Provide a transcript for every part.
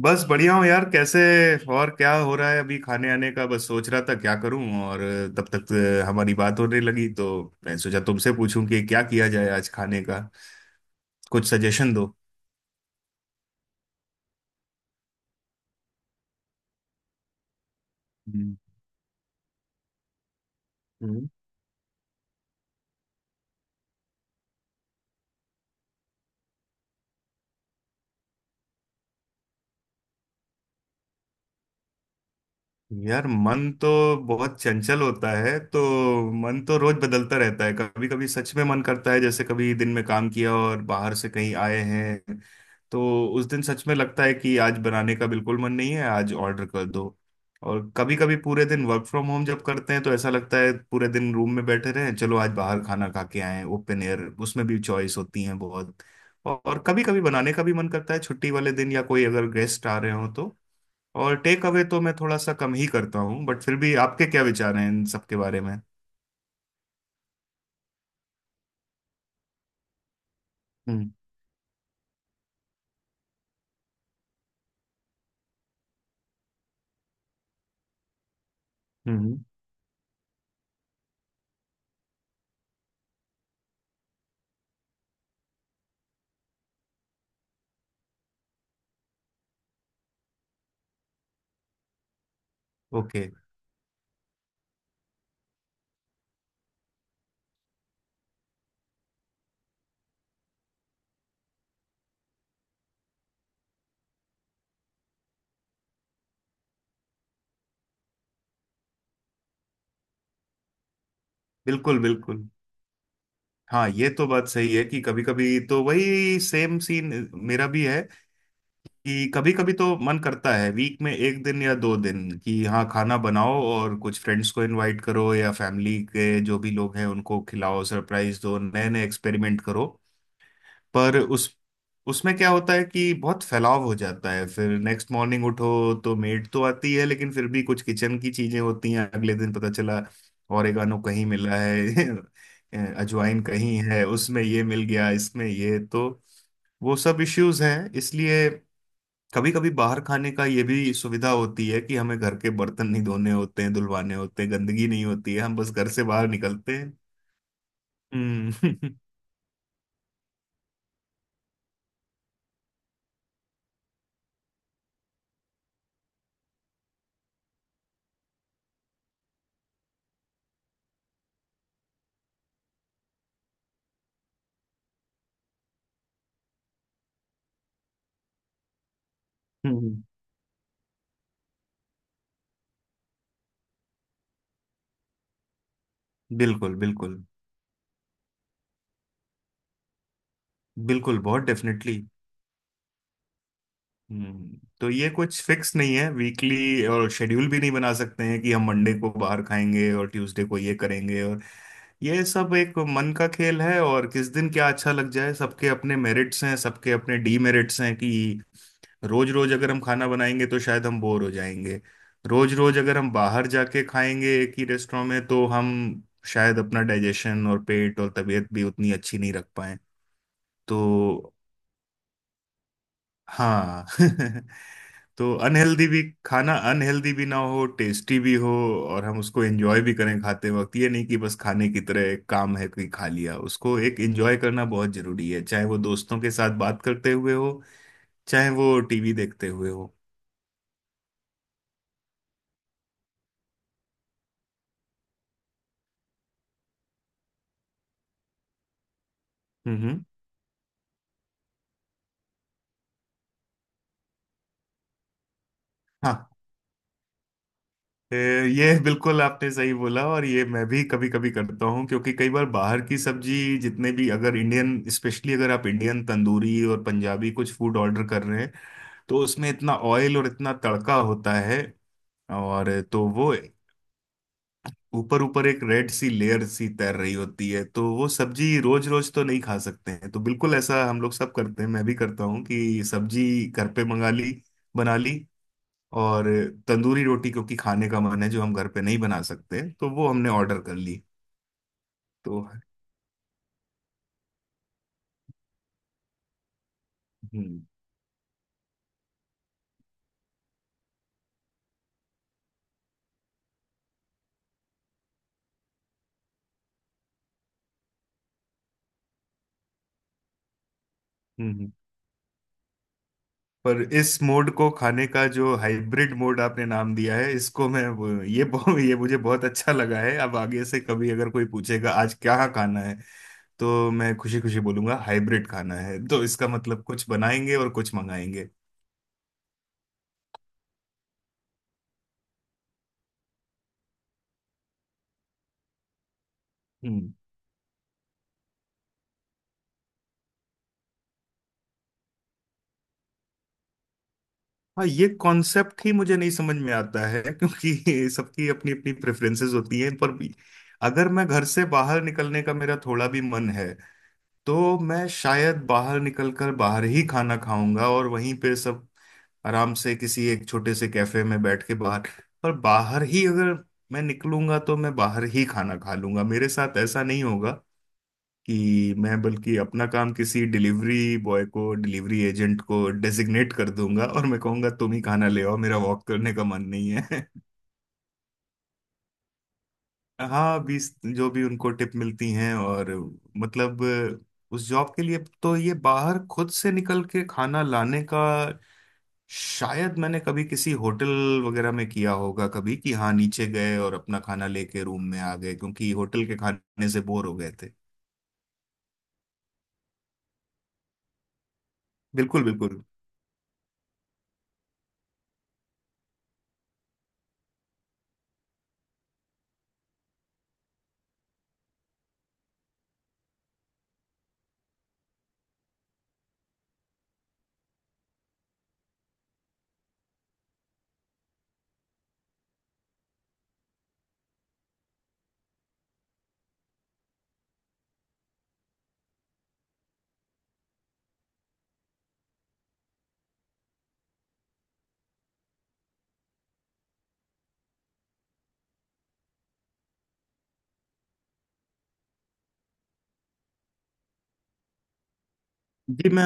बस बढ़िया हूँ यार। कैसे? और क्या हो रहा है? अभी खाने आने का बस सोच रहा था क्या करूं। और तब तक हमारी बात होने लगी तो मैं सोचा तुमसे पूछूं कि क्या किया जाए आज खाने का। कुछ सजेशन दो। हम्म। यार, मन तो बहुत चंचल होता है तो मन तो रोज बदलता रहता है। कभी कभी सच में मन करता है, जैसे कभी दिन में काम किया और बाहर से कहीं आए हैं तो उस दिन सच में लगता है कि आज बनाने का बिल्कुल मन नहीं है, आज ऑर्डर कर दो। और कभी कभी पूरे दिन वर्क फ्रॉम होम जब करते हैं तो ऐसा लगता है पूरे दिन रूम में बैठे रहें, चलो आज बाहर खाना खा के आए, ओपन एयर। उसमें भी चॉइस होती है बहुत। और कभी कभी बनाने का भी मन करता है, छुट्टी वाले दिन या कोई अगर गेस्ट आ रहे हो तो। और टेक अवे तो मैं थोड़ा सा कम ही करता हूँ, बट फिर भी आपके क्या विचार हैं इन सब के बारे में? हम्म। हम्म। ओके। बिल्कुल बिल्कुल। हाँ, ये तो बात सही है कि कभी कभी तो वही सेम सीन मेरा भी है। कि कभी कभी तो मन करता है वीक में एक दिन या दो दिन कि हाँ खाना बनाओ और कुछ फ्रेंड्स को इनवाइट करो या फैमिली के जो भी लोग हैं उनको खिलाओ, सरप्राइज दो, नए नए एक्सपेरिमेंट करो। पर उस उसमें क्या होता है कि बहुत फैलाव हो जाता है। फिर नेक्स्ट मॉर्निंग उठो तो मेड तो आती है, लेकिन फिर भी कुछ किचन की चीजें होती हैं अगले दिन पता चला ऑरिगानो कहीं मिला है। अजवाइन कहीं है, उसमें ये मिल गया, इसमें ये, तो वो सब इश्यूज हैं। इसलिए कभी कभी बाहर खाने का ये भी सुविधा होती है कि हमें घर के बर्तन नहीं धोने होते हैं, धुलवाने होते हैं, गंदगी नहीं होती है, हम बस घर से बाहर निकलते हैं। हम्म। हम्म। बिल्कुल बिल्कुल। बिल्कुल, बहुत डेफिनेटली। तो ये कुछ फिक्स नहीं है वीकली, और शेड्यूल भी नहीं बना सकते हैं कि हम मंडे को बाहर खाएंगे और ट्यूसडे को ये करेंगे। और ये सब एक मन का खेल है, और किस दिन क्या अच्छा लग जाए। सबके अपने मेरिट्स हैं, सबके अपने डीमेरिट्स हैं कि रोज रोज अगर हम खाना बनाएंगे तो शायद हम बोर हो जाएंगे। रोज रोज अगर हम बाहर जाके खाएंगे एक ही रेस्टोरेंट में तो हम शायद अपना डाइजेशन और पेट और तबीयत भी उतनी अच्छी नहीं रख पाए। तो हाँ। तो अनहेल्दी भी, खाना अनहेल्दी भी ना हो, टेस्टी भी हो, और हम उसको एंजॉय भी करें खाते वक्त। ये नहीं कि बस खाने की तरह एक काम है कि खा लिया, उसको एक एंजॉय करना बहुत जरूरी है, चाहे वो दोस्तों के साथ बात करते हुए हो, चाहे वो टीवी देखते हुए हो। हम्म। हम्म। हाँ। ए, ये बिल्कुल आपने सही बोला, और ये मैं भी कभी कभी करता हूँ, क्योंकि कई बार बाहर की सब्जी, जितने भी अगर इंडियन, स्पेशली अगर आप इंडियन तंदूरी और पंजाबी कुछ फूड ऑर्डर कर रहे हैं, तो उसमें इतना ऑयल और इतना तड़का होता है। और तो वो ऊपर ऊपर एक रेड सी लेयर सी तैर रही होती है, तो वो सब्जी रोज रोज तो नहीं खा सकते हैं। तो बिल्कुल ऐसा हम लोग सब करते हैं, मैं भी करता हूँ कि सब्जी घर पे मंगा ली, बना ली, और तंदूरी रोटी क्योंकि खाने का मन है जो हम घर पे नहीं बना सकते तो वो हमने ऑर्डर कर ली। तो। हम्म। हम्म। पर इस मोड को खाने का, जो हाइब्रिड मोड आपने नाम दिया है, इसको मैं वो- ये बहु- ये मुझे बहुत अच्छा लगा है। अब आगे से कभी अगर कोई पूछेगा आज क्या खाना है, तो मैं खुशी खुशी बोलूंगा हाइब्रिड खाना है, तो इसका मतलब कुछ बनाएंगे और कुछ मंगाएंगे। हम्म। हाँ, ये कॉन्सेप्ट ही मुझे नहीं समझ में आता है, क्योंकि सबकी अपनी अपनी प्रेफरेंसेस होती हैं, पर भी अगर मैं घर से बाहर निकलने का मेरा थोड़ा भी मन है तो मैं शायद बाहर निकलकर बाहर ही खाना खाऊंगा, और वहीं पे सब आराम से किसी एक छोटे से कैफे में बैठ के बाहर। पर बाहर ही अगर मैं निकलूंगा तो मैं बाहर ही खाना खा लूंगा, मेरे साथ ऐसा नहीं होगा कि मैं बल्कि अपना काम किसी डिलीवरी बॉय को, डिलीवरी एजेंट को डेजिग्नेट कर दूंगा और मैं कहूंगा तुम ही खाना ले आओ, मेरा वॉक करने का मन नहीं है। हाँ। 20, जो भी उनको टिप मिलती हैं, और मतलब उस जॉब के लिए। तो ये बाहर खुद से निकल के खाना लाने का शायद मैंने कभी किसी होटल वगैरह में किया होगा, कभी कि हाँ नीचे गए और अपना खाना लेके रूम में आ गए, क्योंकि होटल के खाने से बोर हो गए थे। बिल्कुल बिल्कुल। जी, मैं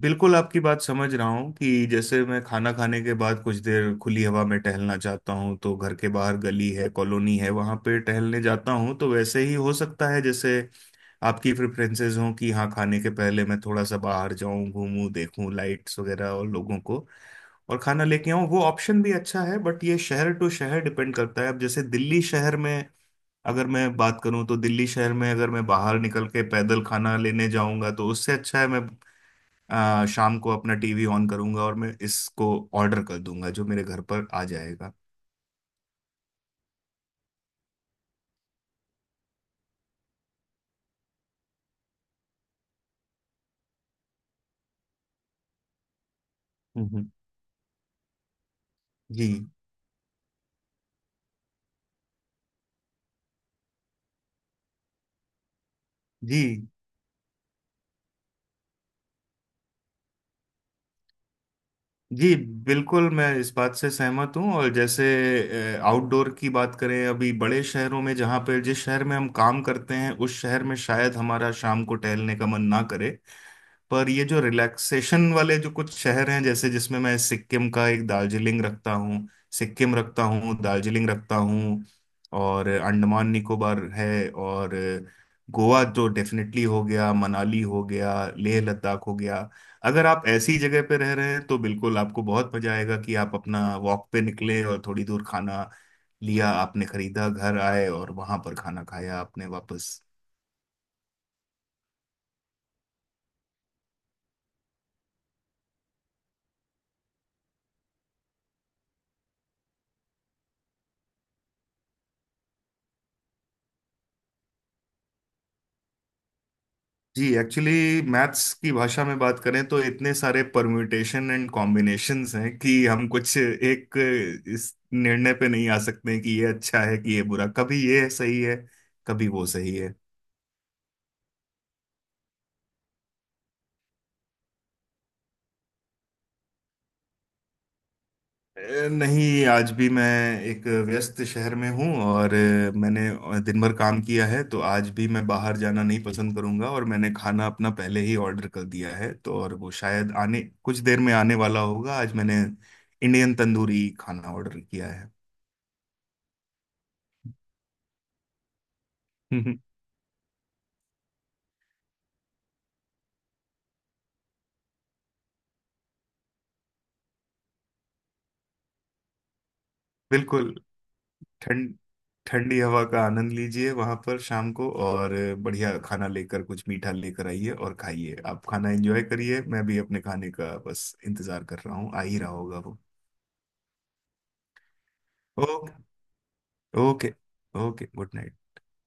बिल्कुल आपकी बात समझ रहा हूँ, कि जैसे मैं खाना खाने के बाद कुछ देर खुली हवा में टहलना चाहता हूँ तो घर के बाहर गली है, कॉलोनी है, वहाँ पे टहलने जाता हूँ, तो वैसे ही हो सकता है जैसे आपकी प्रेफरेंसेस हों कि हाँ खाने के पहले मैं थोड़ा सा बाहर जाऊँ, घूमूं, देखूं लाइट्स वगैरह और लोगों को, और खाना लेके आऊँ। वो ऑप्शन भी अच्छा है, बट ये शहर टू शहर डिपेंड करता है। अब जैसे दिल्ली शहर में अगर मैं बात करूं, तो दिल्ली शहर में अगर मैं बाहर निकल के पैदल खाना लेने जाऊंगा तो उससे अच्छा है मैं शाम को अपना टीवी ऑन करूंगा और मैं इसको ऑर्डर कर दूंगा, जो मेरे घर पर आ जाएगा। हम्म। जी। जी। जी। बिल्कुल, मैं इस बात से सहमत हूँ। और जैसे आउटडोर की बात करें, अभी बड़े शहरों में, जहाँ पे, जिस शहर में हम काम करते हैं उस शहर में शायद हमारा शाम को टहलने का मन ना करे। पर ये जो रिलैक्सेशन वाले जो कुछ शहर हैं, जैसे जिसमें मैं सिक्किम का, एक दार्जिलिंग रखता हूँ, सिक्किम रखता हूँ, दार्जिलिंग रखता हूँ, और अंडमान निकोबार है, और गोवा तो डेफिनेटली हो गया, मनाली हो गया, लेह लद्दाख हो गया। अगर आप ऐसी जगह पे रह रहे हैं तो बिल्कुल आपको बहुत मजा आएगा कि आप अपना वॉक पे निकले और थोड़ी दूर खाना लिया आपने, खरीदा, घर आए, और वहां पर खाना खाया आपने वापस। जी। एक्चुअली मैथ्स की भाषा में बात करें, तो इतने सारे परम्यूटेशन एंड कॉम्बिनेशंस हैं कि हम कुछ एक इस निर्णय पे नहीं आ सकते कि ये अच्छा है कि ये बुरा। कभी ये सही है, कभी वो सही है। नहीं, आज भी मैं एक व्यस्त शहर में हूँ, और मैंने दिन भर काम किया है, तो आज भी मैं बाहर जाना नहीं पसंद करूंगा, और मैंने खाना अपना पहले ही ऑर्डर कर दिया है तो, और वो शायद आने कुछ देर में आने वाला होगा। आज मैंने इंडियन तंदूरी खाना ऑर्डर किया है। हम्म। बिल्कुल। ठंड ठंडी हवा का आनंद लीजिए वहां पर शाम को, और बढ़िया खाना लेकर, कुछ मीठा लेकर आइए और खाइए। आप खाना एंजॉय करिए, मैं भी अपने खाने का बस इंतजार कर रहा हूँ, आ ही रहा होगा वो। Okay. Okay. Okay, good night.